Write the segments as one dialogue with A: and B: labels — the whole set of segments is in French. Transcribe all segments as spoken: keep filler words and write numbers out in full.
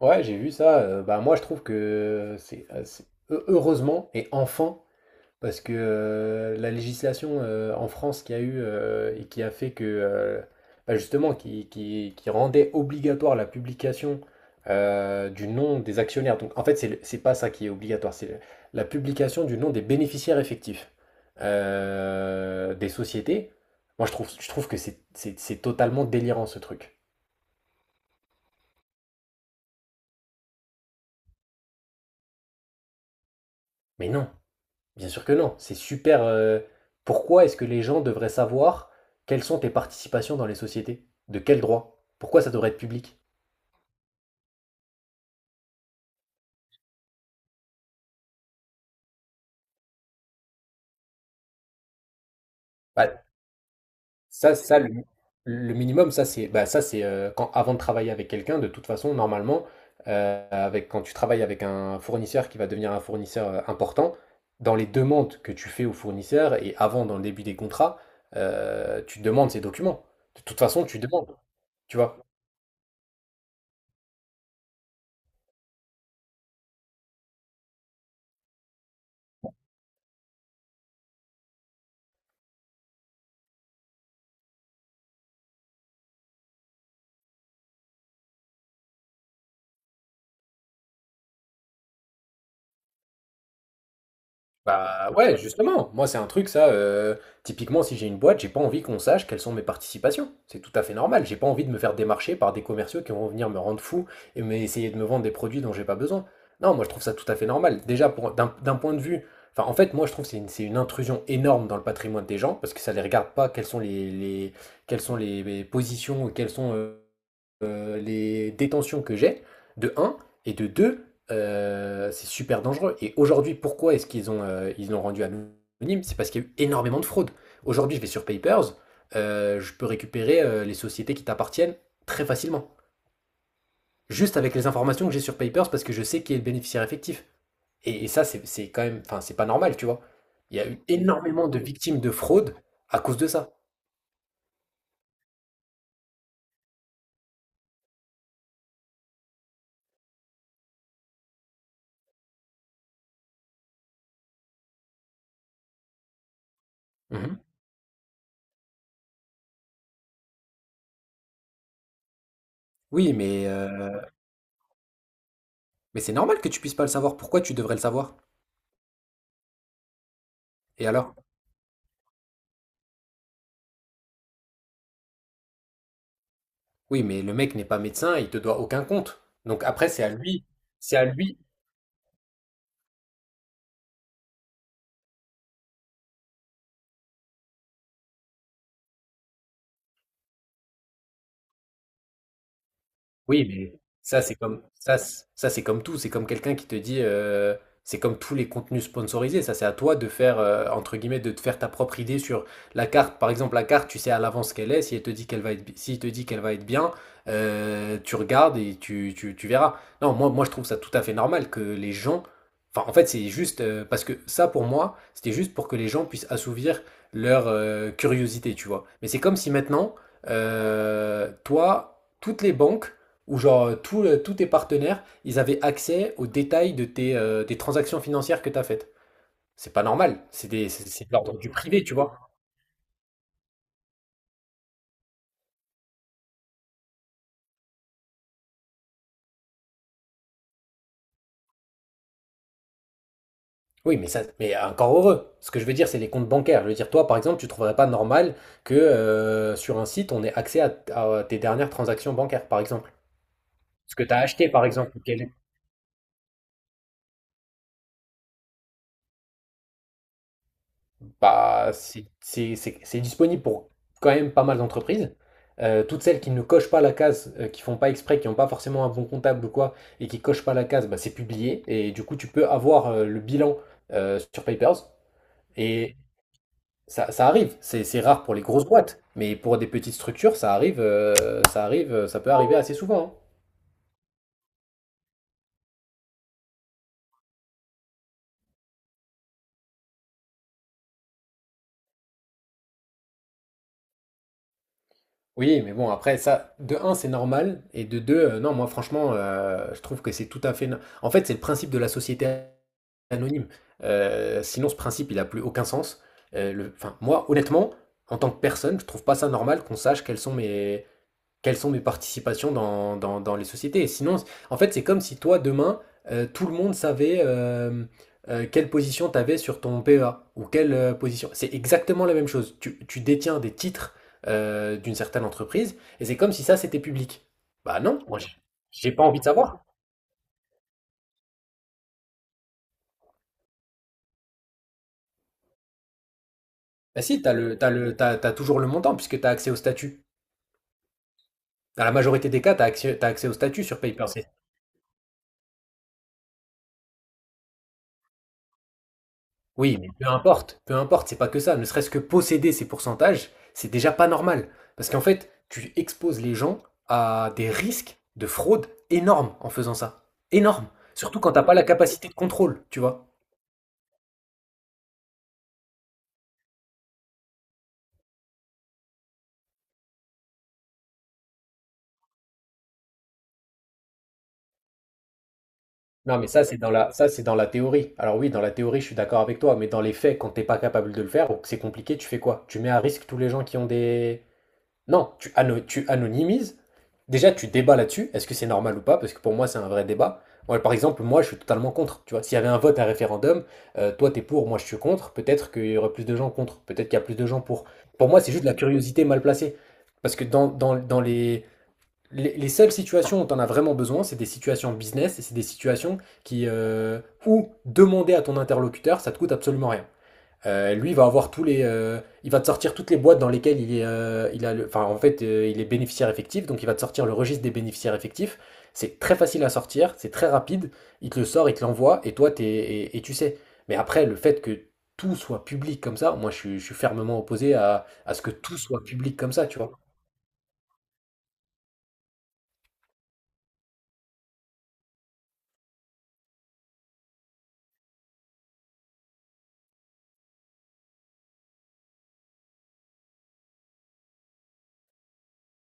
A: Ouais, j'ai vu ça. Euh, bah moi, je trouve que c'est euh, c'est- heu- heureusement et enfin parce que euh, la législation euh, en France qui a eu euh, et qui a fait que euh, bah, justement qui, qui- qui rendait obligatoire la publication euh, du nom des actionnaires. Donc en fait, c'est le- c'est pas ça qui est obligatoire, c'est le- la publication du nom des bénéficiaires effectifs euh, des sociétés. Moi, je trouve je trouve que c'est c'est- c'est totalement délirant ce truc. Mais non. Bien sûr que non, c'est super. euh, Pourquoi est-ce que les gens devraient savoir quelles sont tes participations dans les sociétés? De quel droit? Pourquoi ça devrait être public? Bah, ça, ça le, le minimum, ça c'est bah, ça c'est euh, quand avant de travailler avec quelqu'un, de toute façon, normalement, euh, avec quand tu travailles avec un fournisseur qui va devenir un fournisseur euh, important, dans les demandes que tu fais au fournisseur et avant dans le début des contrats, euh, tu demandes ces documents. De toute façon, tu demandes, tu vois. Bah ouais, justement, moi c'est un truc ça, euh, typiquement si j'ai une boîte, j'ai pas envie qu'on sache quelles sont mes participations. C'est tout à fait normal, j'ai pas envie de me faire démarcher par des commerciaux qui vont venir me rendre fou et me- essayer de me vendre des produits dont j'ai pas besoin. Non, moi je trouve ça tout à fait normal. Déjà pour d'un d'un point de vue, enfin en fait moi je trouve que c'est une, c'est une intrusion énorme dans le patrimoine des gens parce que ça les regarde pas quelles sont les, les- quelles sont les, les positions, quelles sont euh, euh, les détentions que j'ai, de un et de deux, euh, c'est super dangereux. Et aujourd'hui, pourquoi est-ce qu'ils ont, euh, ils l'ont rendu anonyme? C'est parce qu'il y a eu énormément de fraude. Aujourd'hui, je vais sur Papers, euh, je peux récupérer euh, les sociétés qui t'appartiennent très facilement. Juste avec les informations que j'ai sur Papers, parce que je sais qui est le bénéficiaire effectif. Et, et ça, c'est c'est quand même, enfin, c'est pas normal, tu vois. Il y a eu énormément de victimes de fraude à cause de ça. Mhm. Oui, mais, euh, mais c'est normal que tu puisses pas le savoir. Pourquoi tu devrais le savoir? Et alors? Oui, mais le mec n'est pas médecin, il te doit aucun compte. Donc après, c'est à lui, c'est à lui, Oui, mais ça, c'est comme ça, c'est- ça c'est comme tout. C'est comme quelqu'un qui te dit, euh, c'est comme tous les contenus sponsorisés. Ça, c'est à toi de faire euh, entre guillemets de te faire ta propre idée sur la carte. Par exemple, la carte, tu sais à l'avance ce qu'elle est. Si elle te dit qu'elle va être, bi- S'il te dit qu'elle va être bien, euh, tu regardes et tu, tu, tu verras. Non, moi, moi, je trouve ça tout à fait normal que les gens. Enfin, en fait, c'est juste euh, parce que ça, pour moi, c'était juste pour que les gens puissent assouvir leur euh, curiosité, tu vois. Mais c'est comme si maintenant, euh, toi, toutes les banques où genre tout le- tous tes partenaires, ils avaient accès aux détails de tes, euh, des transactions financières que tu as faites. C'est pas normal, c'est des- c'est c'est de l'ordre du privé, tu vois. Oui, mais ça, mais encore heureux. Ce que je veux dire, c'est les comptes bancaires. Je veux dire, toi, par exemple, tu trouverais pas normal que euh, sur un site, on ait accès à, à tes dernières transactions bancaires, par exemple. Ce que tu as acheté, par exemple, ou quel. Bah, c'est c'est- c'est- c'est disponible pour quand même pas mal d'entreprises. Euh, toutes celles qui ne cochent pas la case, euh, qui font pas exprès, qui n'ont pas forcément un bon comptable ou quoi, et qui cochent pas la case, bah, c'est publié. Et du coup, tu peux avoir euh, le bilan euh, sur Papers. Et ça, ça arrive. C'est c'est rare pour les grosses boîtes, mais pour des petites structures, ça arrive, euh, ça arrive, euh, ça peut arriver assez souvent, hein. Oui, mais bon, après, ça, de un, c'est normal, et de deux, euh, non, moi, franchement, euh, je trouve que c'est tout à fait. no- En fait, c'est le principe de la société anonyme. Euh, sinon, ce principe, il n'a plus aucun sens. Euh, le- Enfin, moi, honnêtement, en tant que personne, je trouve pas ça normal qu'on sache quels sont mes, quelles sont mes participations dans, dans, dans les sociétés. Et sinon, en fait, c'est comme si toi, demain, euh, tout le monde savait euh, euh, quelle position tu avais sur ton P E A ou quelle euh, position. C'est exactement la même chose. Tu, tu détiens des titres euh, d'une certaine entreprise et c'est comme si ça, c'était public. Bah non, moi, j'ai j'ai pas envie de savoir. Bah si, t'as le, t'as le, t'as, t'as toujours le montant puisque tu as accès au statut. Dans la majorité des cas, tu as accès, t'as accès au statut sur Paper. Oui, mais peu importe, peu importe, c'est pas que ça. Ne serait-ce que posséder ces pourcentages, c'est déjà pas normal. Parce qu'en fait, tu exposes les gens à des risques de fraude énormes en faisant ça. Énormes. Surtout quand t'as pas la capacité de contrôle, tu vois. Non, mais ça, c'est dans la, ça, c'est dans la théorie. Alors oui, dans la théorie, je suis d'accord avec toi, mais dans les faits, quand t'es pas capable de le faire ou que c'est compliqué, tu fais quoi? Tu mets à risque tous les gens qui ont des. Non, tu, ano- tu anonymises. Déjà, tu débats là-dessus. Est-ce que c'est normal ou pas? Parce que pour moi, c'est un vrai débat. Moi, par exemple, moi, je suis totalement contre. Tu vois, s'il y avait un vote, un référendum, euh, toi, t'es pour, moi, je suis contre. Peut-être qu'il y aurait plus de gens contre. Peut-être qu'il y a plus de gens pour. Pour moi, c'est juste de la curiosité mal placée. Parce que dans, dans, dans les, les, les seules situations où t'en as vraiment besoin, c'est des situations business et c'est des situations qui, euh, où demander à ton interlocuteur, ça te coûte absolument rien. Euh, lui, il va avoir tous les, euh, il va te sortir toutes les boîtes dans lesquelles il est, euh, il a le, enfin, en fait, euh, il est bénéficiaire effectif, donc il va te sortir le registre des bénéficiaires effectifs. C'est très facile à sortir, c'est très rapide. Il te le sort, il te l'envoie, et toi, t'es, et, et tu sais. Mais après, le fait que tout soit public comme ça, moi, je suis, je suis fermement opposé à, à ce que tout soit public comme ça, tu vois.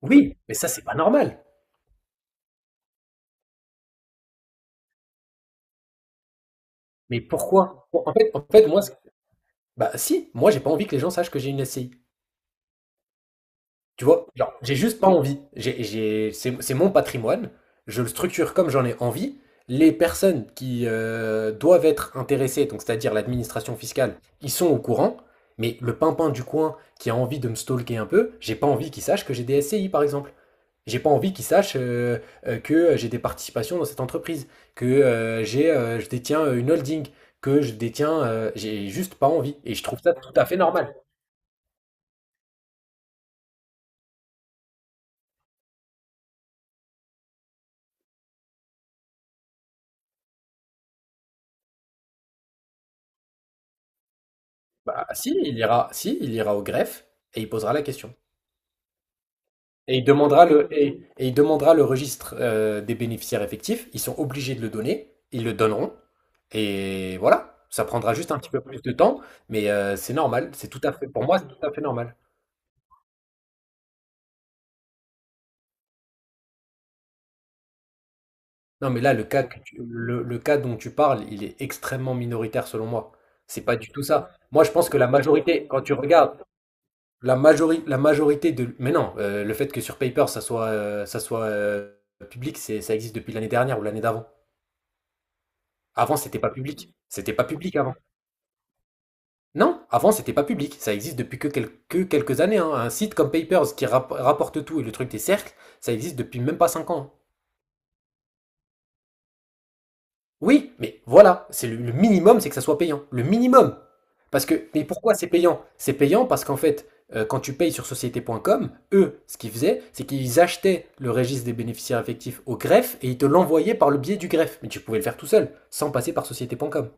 A: Oui, mais ça, c'est pas normal. Mais pourquoi? En fait, en fait, moi, c'est- bah si, moi, j'ai pas envie que les gens sachent que j'ai une S C I. Tu vois, genre, j'ai juste pas envie. J'ai, j'ai, c'est, c'est mon patrimoine, je le structure comme j'en ai envie. Les personnes qui euh, doivent être intéressées, donc c'est-à-dire l'administration fiscale, ils sont au courant, mais le pimpin du coin qui a envie de me stalker un peu, j'ai pas envie qu'il sache que j'ai des S C I par exemple. J'ai pas envie qu'il sache euh, euh, que j'ai des participations dans cette entreprise, que euh, j'ai, euh, je détiens une holding, que je détiens, euh, j'ai juste pas envie. Et je trouve ça tout à fait normal. Bah, si, il ira, si, il ira au greffe et il posera la question. Et il demandera le, et, et il demandera le registre euh, des bénéficiaires effectifs. Ils sont obligés de le donner. Ils le donneront. Et voilà. Ça prendra juste un petit peu plus de temps, mais euh, c'est normal. C'est tout à fait, pour moi, c'est tout à fait normal. Non, mais là, le cas que tu- le, le cas dont tu parles, il est extrêmement minoritaire selon moi. C'est pas du tout ça. Moi, je pense que la majorité, quand tu regardes, La, majori- la majorité de. Mais non, euh, le fait que sur Paper, ça soit, euh, ça soit euh, public, c'est, ça existe depuis l'année dernière ou l'année d'avant. Avant, c'était pas public. C'était pas public avant. Non, avant, c'était pas public. Ça existe depuis que, quel- que quelques années, hein. Un site comme Papers qui rap- rapporte tout et le truc des cercles, ça existe depuis même pas cinq ans, hein. Oui, mais voilà, c'est le, le minimum, c'est que ça soit payant. Le minimum. Parce que, mais pourquoi c'est payant? C'est payant parce qu'en fait, euh, quand tu payes sur société point com, eux, ce qu'ils faisaient, c'est qu'ils achetaient le registre des bénéficiaires effectifs au greffe et ils te l'envoyaient par le biais du greffe. Mais tu pouvais le faire tout seul, sans passer par société point com.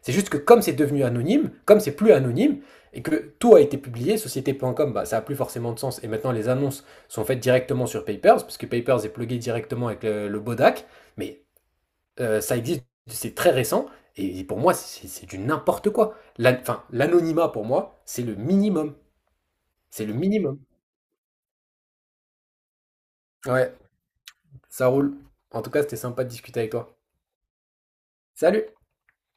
A: C'est juste que comme c'est devenu anonyme, comme c'est plus anonyme, et que tout a été publié, société point com, bah, ça a plus forcément de sens. Et maintenant, les annonces sont faites directement sur Papers, parce que Papers est plugué directement avec le, le Bodac. Mais euh, ça existe, c'est très récent, et pour moi, c'est c'est du n'importe quoi. La- Enfin, l'anonymat, pour moi, c'est le minimum. C'est le minimum. Ouais, ça roule. En tout cas, c'était sympa de discuter avec toi. Salut!